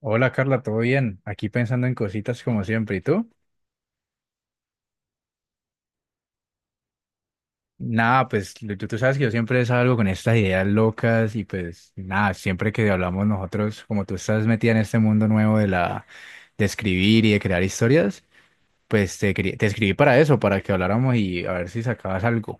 Hola Carla, ¿todo bien? Aquí pensando en cositas como siempre, ¿y tú? Nada, pues tú sabes que yo siempre salgo con estas ideas locas y pues nada, siempre que hablamos nosotros, como tú estás metida en este mundo nuevo de la de escribir y de crear historias, pues te escribí para eso, para que habláramos y a ver si sacabas algo.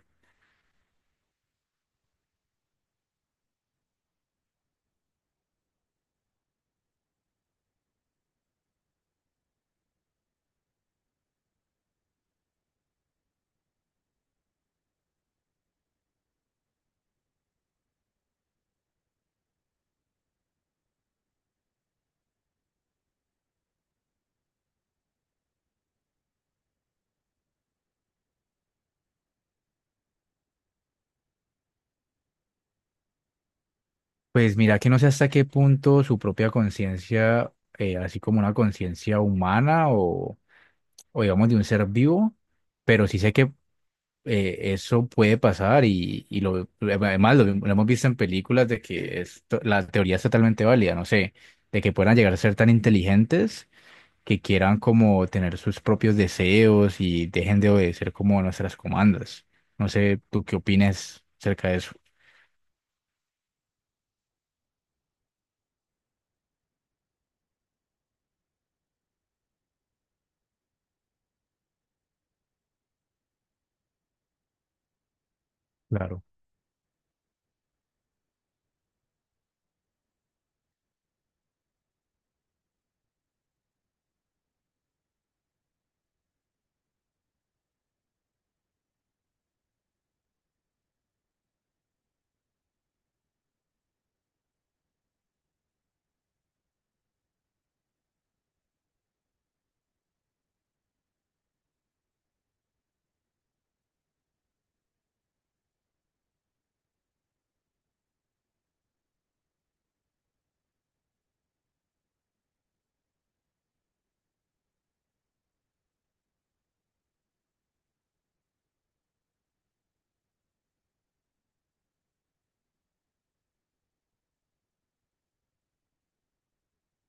Pues mira que no sé hasta qué punto su propia conciencia, así como una conciencia humana o digamos de un ser vivo, pero sí sé que eso puede pasar y además lo hemos visto en películas de que la teoría es totalmente válida, no sé, de que puedan llegar a ser tan inteligentes que quieran como tener sus propios deseos y dejen de obedecer como nuestras comandas. No sé, ¿tú qué opinas acerca de eso? Claro.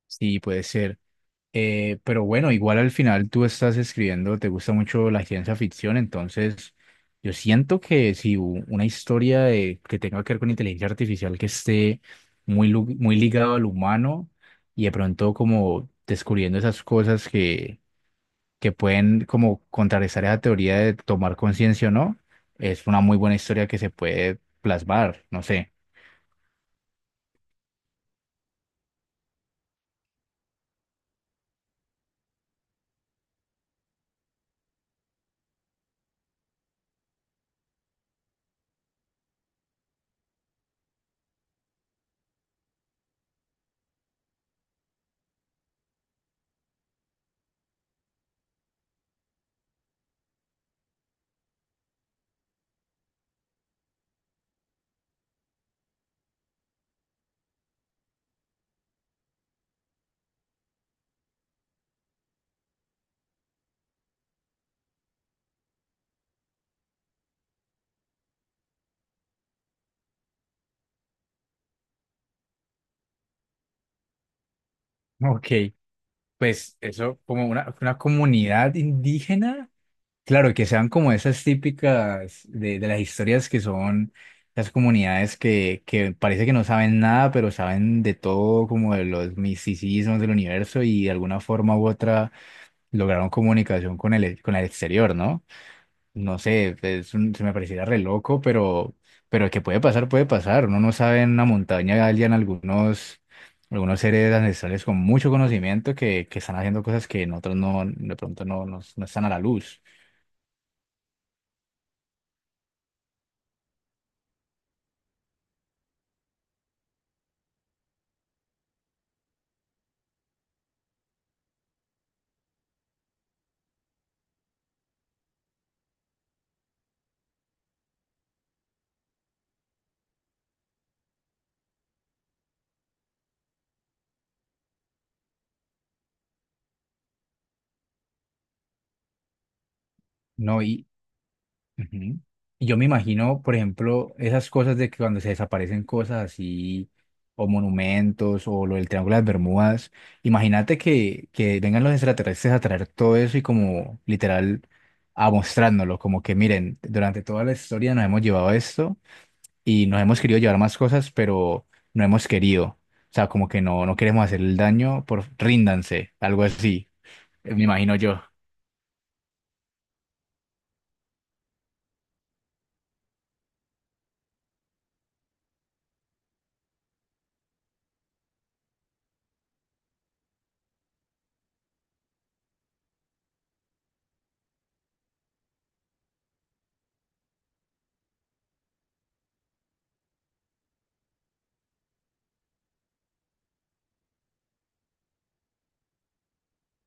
Sí, puede ser. Pero bueno, igual al final tú estás escribiendo, te gusta mucho la ciencia ficción, entonces yo siento que si una historia que tenga que ver con inteligencia artificial que esté muy ligado al humano y de pronto como descubriendo esas cosas que pueden como contrarrestar esa teoría de tomar conciencia o no, es una muy buena historia que se puede plasmar, no sé. Ok, pues eso como una comunidad indígena. Claro, y que sean como esas típicas de las historias que son las comunidades que parece que no saben nada, pero saben de todo, como de los misticismos del universo y de alguna forma u otra lograron comunicación con con el exterior, ¿no? No sé, se me pareciera re loco, pero que puede pasar, puede pasar. Uno no sabe en una montaña hallan algunos seres ancestrales con mucho conocimiento que están haciendo cosas que nosotros no, de pronto no, no están a la luz. No, y, ujú. Y yo me imagino, por ejemplo, esas cosas de que cuando se desaparecen cosas así, o monumentos, o lo del Triángulo de las Bermudas, imagínate que vengan los extraterrestres a traer todo eso y como literal a mostrárnoslo, como que miren, durante toda la historia nos hemos llevado esto y nos hemos querido llevar más cosas, pero no hemos querido. O sea, como que no queremos hacer el daño, por ríndanse, algo así, me imagino yo.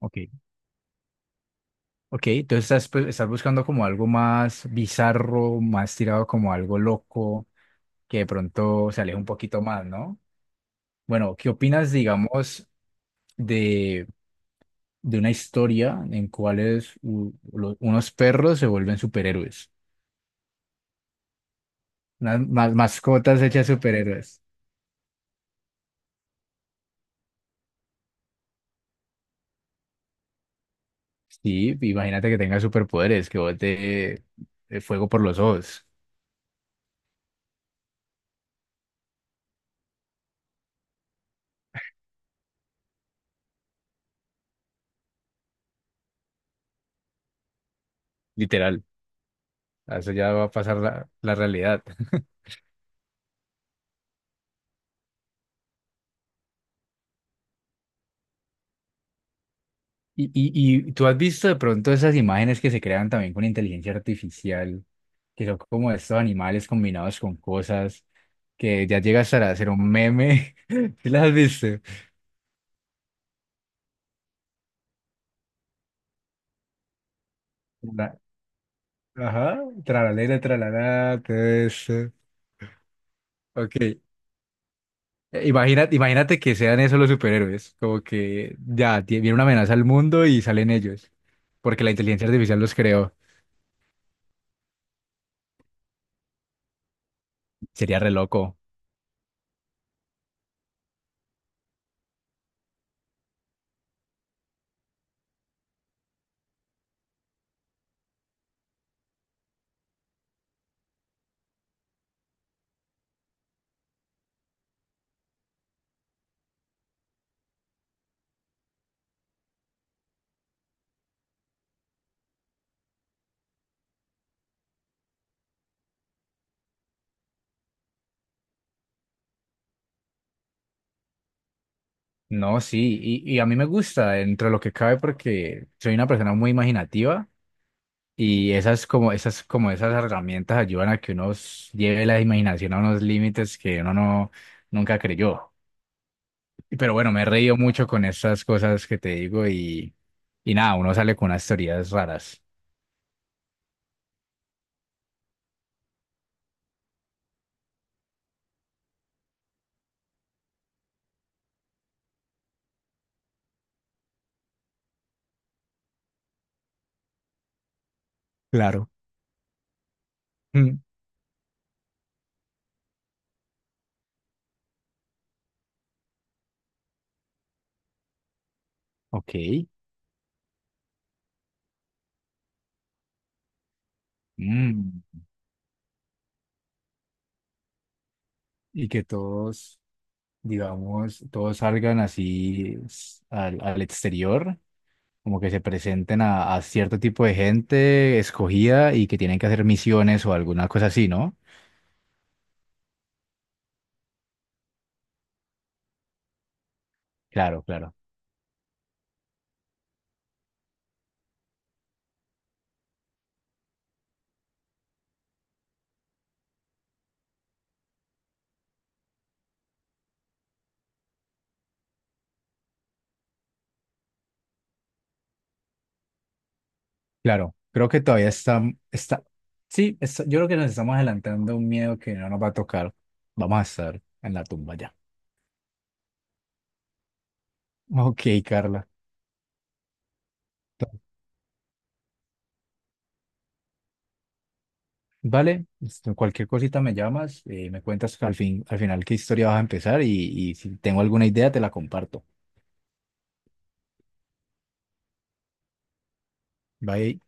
Ok. Ok, entonces estás, pues, estás buscando como algo más bizarro, más tirado como algo loco, que de pronto se aleja un poquito más, ¿no? Bueno, ¿qué opinas, digamos, de, de una historia en cuales unos perros se vuelven superhéroes? Unas mascotas hechas superhéroes. Sí, imagínate que tengas superpoderes, que bote fuego por los ojos, literal. A eso ya va a pasar la, la realidad. Y, y tú has visto de pronto esas imágenes que se crean también con inteligencia artificial, que son como estos animales combinados con cosas, que ya llega hasta hacer un meme. ¿Sí las has visto? La- Ajá, tralalera, tralalá, todo eso. Ok, imagínate que sean esos los superhéroes, como que ya viene una amenaza al mundo y salen ellos, porque la inteligencia artificial los creó. Sería re loco. No, sí, y a mí me gusta dentro de lo que cabe porque soy una persona muy imaginativa y esas herramientas ayudan a que uno lleve la imaginación a unos límites que uno nunca creyó. Y- Pero bueno, me he reído mucho con estas cosas que te digo y nada, uno sale con unas teorías raras. Claro. Mm, ok. Mm, y que todos, digamos, todos salgan así al exterior como que se presenten a cierto tipo de gente escogida y que tienen que hacer misiones o alguna cosa así, ¿no? Claro, claro, claro. Creo que todavía está, sí, está- yo creo que nos estamos adelantando a un miedo que no nos va a tocar. Vamos a estar en la tumba ya. Ok, Carla. Vale, esto, cualquier cosita me llamas, me cuentas al fin, al final qué historia vas a empezar y si tengo alguna idea te la comparto. Bye.